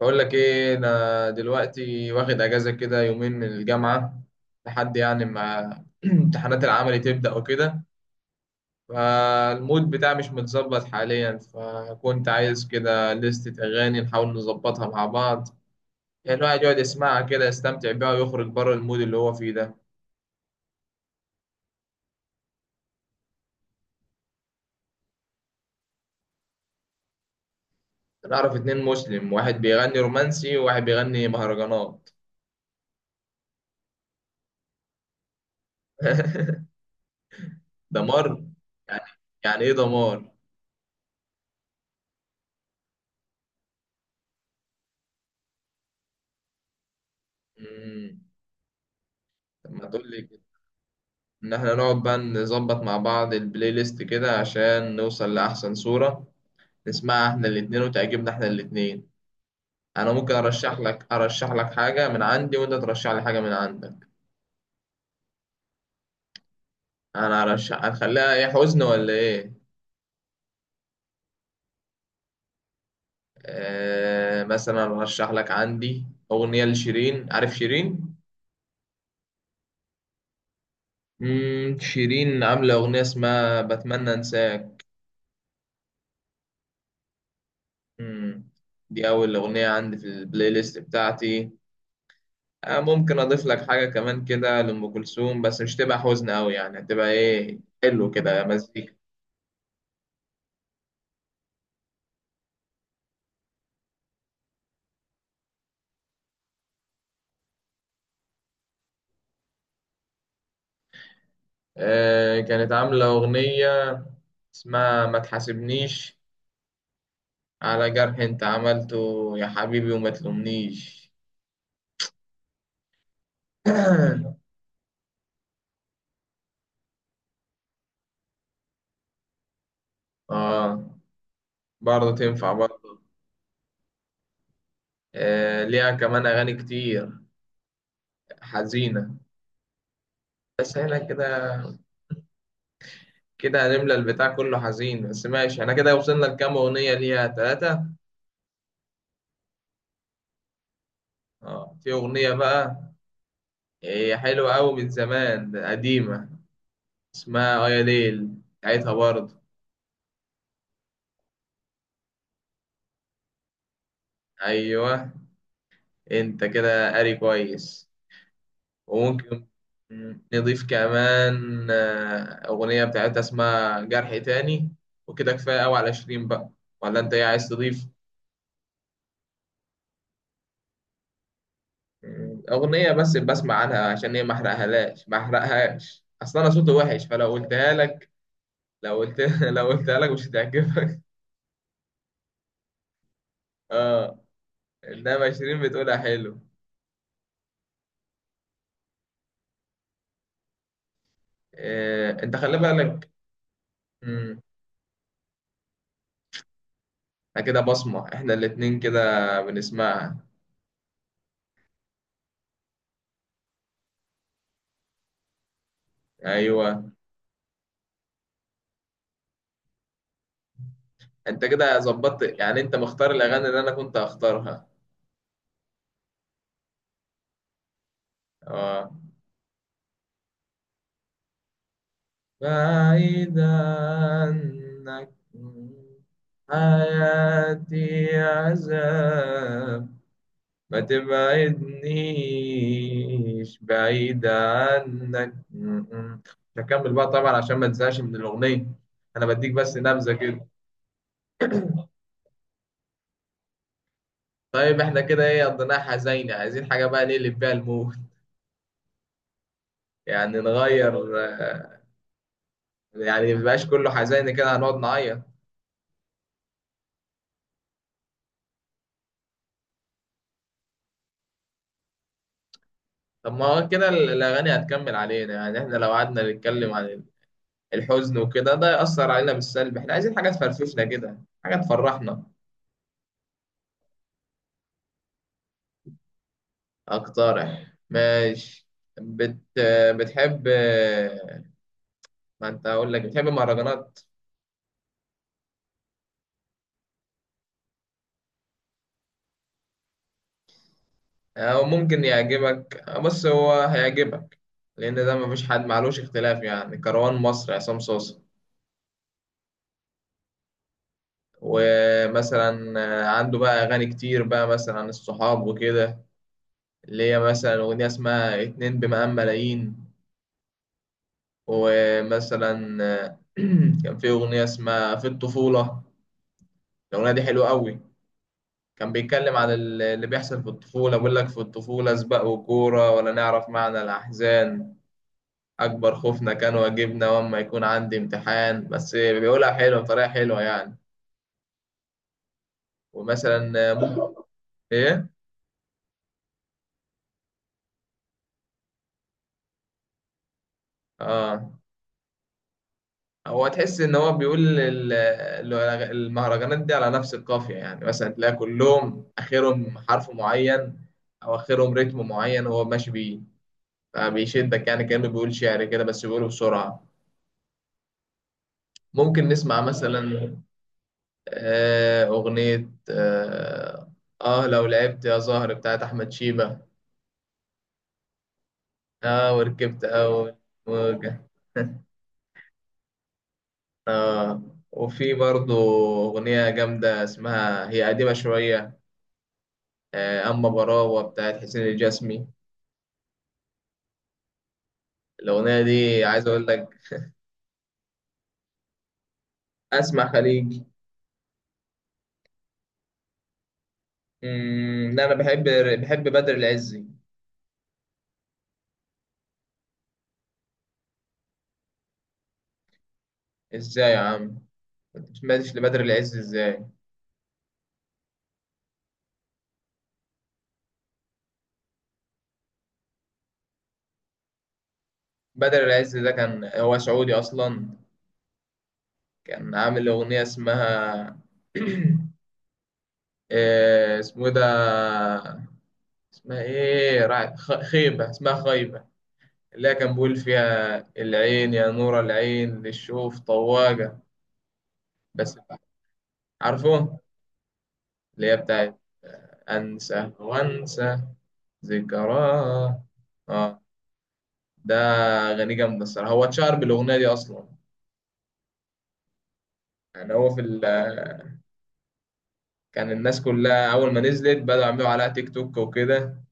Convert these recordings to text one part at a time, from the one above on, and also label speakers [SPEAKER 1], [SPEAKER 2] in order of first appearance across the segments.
[SPEAKER 1] بقول لك ايه، انا دلوقتي واخد اجازه كده يومين من الجامعه لحد يعني ما امتحانات العملي تبدا وكده. فالمود بتاعي مش متظبط حاليا، فكنت عايز كده لستة اغاني نحاول نظبطها مع بعض. يعني الواحد يقعد يسمعها كده، يستمتع بيها ويخرج بره المود اللي هو فيه ده. انا اعرف اتنين مسلم، واحد بيغني رومانسي وواحد بيغني مهرجانات. دمار. يعني، يعني ايه دمار؟ مم. طب، ما تقول لي إن إحنا نقعد بقى نظبط مع بعض البلاي ليست كده عشان نوصل لأحسن صورة، نسمعها إحنا الاتنين وتعجبنا إحنا الاتنين. أنا ممكن أرشح لك حاجة من عندي وأنت ترشح لي حاجة من عندك. أنا أرشح، هنخليها إيه، حزن ولا إيه؟ آه، مثلا أرشح لك عندي أغنية لشيرين. عارف شيرين؟ شيرين عاملة أغنية اسمها بتمنى أنساك. مم. دي أول أغنية عندي في البلاي ليست بتاعتي. ممكن اضيف لك حاجه كمان كده لام كلثوم، بس مش تبقى حزن قوي يعني، هتبقى ايه، حلو كده مزيكا. آه، كانت عامله اغنيه اسمها ما تحاسبنيش، على جرح انت عملته يا حبيبي وما تلومنيش. اه، برضه تنفع برضه. آه، ليها كمان اغاني كتير حزينه. بس احنا كده كده هنملى البتاع كله حزين. بس ماشي، احنا كده وصلنا لكام اغنيه ليها، ثلاثه. اه، في اغنيه بقى، هي حلوة أوي من زمان، قديمة، اسمها آيا ليل بتاعتها برضه. أيوه، أنت كده قاري كويس. وممكن نضيف كمان أغنية بتاعتها اسمها جرح تاني. وكده كفاية أوي على 20 بقى، ولا أنت إيه عايز تضيف؟ أغنية بس بسمع عنها عشان هي محرقهاش. أصل أنا صوتي وحش فلو قلتها لك، لو قلت لو قلتها لك مش هتعجبك. آه، إنما 20 بتقولها حلو. آه، أنت خلي بالك. امم احنا كده بصمة احنا الاتنين كده بنسمعها. ايوه، انت كده ظبطت يعني، انت مختار الاغاني اللي انا كنت هختارها. اه، بعيد عنك، حياتي عذاب، ما تبعدنيش بعيد عنك. مش هكمل بقى طبعا عشان ما تنساش من الاغنية، انا بديك بس نبذة كده. طيب، احنا كده ايه قضيناها حزينة، عايزين حاجة بقى نقلب بيها المود، يعني نغير. يعني مبقاش كله حزين كده هنقعد نعيط. طب، ما هو كده الأغاني هتكمل علينا. يعني احنا لو قعدنا نتكلم عن الحزن وكده ده يأثر علينا بالسلب. احنا عايزين حاجة تفرفشنا كده، حاجة تفرحنا. أقترح، ماشي. بت... بتحب، ما انت هقول لك بتحب المهرجانات. أو ممكن يعجبك، بص هو هيعجبك. لأن ده مفيش حد معلوش اختلاف يعني، كروان مصر عصام صوصة. ومثلا عنده بقى أغاني كتير، بقى مثلا عن الصحاب وكده، اللي هي مثلا أغنية اسمها اتنين بمقام ملايين. ومثلا كان في أغنية اسمها في الطفولة. الأغنية دي حلوة قوي. كان بيتكلم عن اللي بيحصل في الطفولة، بيقول لك في الطفولة سباق وكورة ولا نعرف معنى الأحزان. أكبر خوفنا كان واجبنا وأما يكون عندي امتحان، بس بيقولها حلوة، بطريقة حلوة يعني. ومثلا ممكن. إيه؟ آه، هو تحس ان هو بيقول المهرجانات دي على نفس القافيه، يعني مثلا تلاقي كلهم اخرهم حرف معين، او اخرهم رتم معين هو ماشي بيه. فبيشدك يعني، كانه بيقول شعر كده بس بيقوله بسرعه. ممكن نسمع مثلا اغنيه لو لعبت يا زهر بتاعت احمد شيبه. اه وركبت اول موجه. اه وفي برضه اغنيه جامده اسمها، هي قديمه شويه، أما براوة بتاعت حسين الجسمي. الأغنية دي عايز أقول لك. أسمع خليجي. لا، أنا بحب بدر العزي. إزاي يا عم؟ أنت مسمعتش لبدر العزي إزاي؟ بدر العزي ده كان هو سعودي أصلا. كان عامل أغنية اسمها اسمه إيه ده، اسمها إيه، خيبة، اسمها خيبة. اللي هي كان بيقول فيها العين يا نور العين للشوف طواجة. بس، عارفه. اللي هي بتاعت أنسى وأنسى ذكراه. آه، ده أغاني جامدة الصراحة، هو اتشهر بالأغنية دي أصلا. يعني هو في ال كان الناس كلها أول ما نزلت بدأوا يعملوا عليها تيك توك وكده.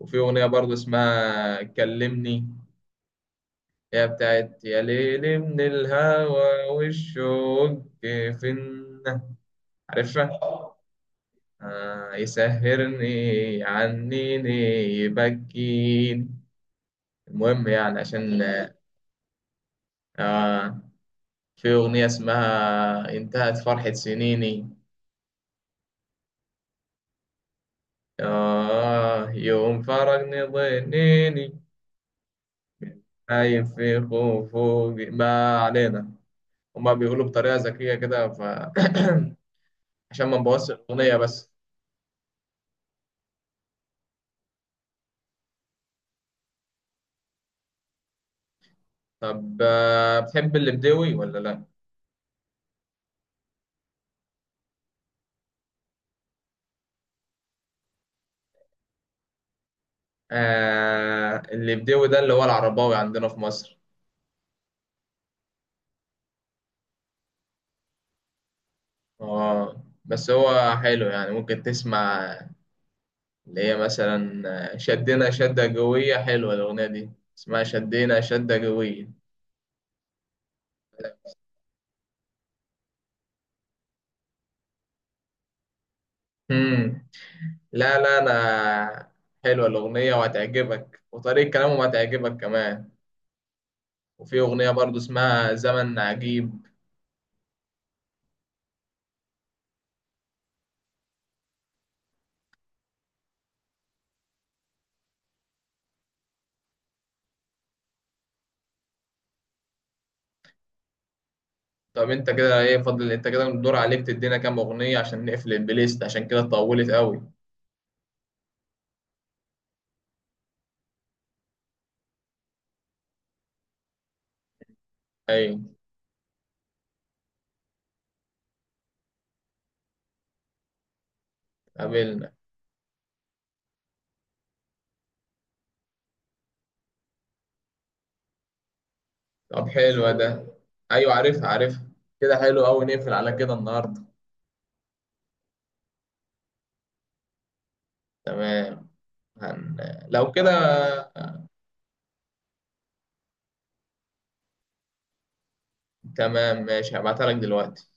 [SPEAKER 1] وفي أغنية برضه اسمها كلمني، هي بتاعت يا ليل من الهوى والشوق في النا، عارفها؟ آه، يسهرني عنيني، يبكيني. المهم يعني، عشان آه في أغنية اسمها انتهت فرحة سنيني، آه، يوم فرقني ضنيني، نايم في خفوقي، ما علينا. هما بيقولوا بطريقة ذكية كده، عشان ما نبوظش الأغنية بس. طب، بتحب اللي بدوي ولا لأ؟ آه، اللي بدوي ده اللي هو العرباوي عندنا في مصر. آه، بس هو حلو يعني، ممكن تسمع، اللي هي مثلا شدنا شدة قوية، حلوة الأغنية دي، اسمها شدينا شدة قوية. مم. لا، لا، أنا حلوة الأغنية وهتعجبك وطريقة كلامهم هتعجبك كمان. وفي أغنية برضو اسمها زمن عجيب. طب، أنت كده إيه فضل، أنت كده الدور عليك تدينا كام أغنية عشان نقفل البلاي ليست، عشان كده طولت قوي. أيوة، قابلنا. طب، حلوة ده. أيوة، عارفها عارفها. كده حلو أوي نقفل على كده النهاردة. تمام. هن... لو كده تمام. ماشي، هبعتها لك دلوقتي.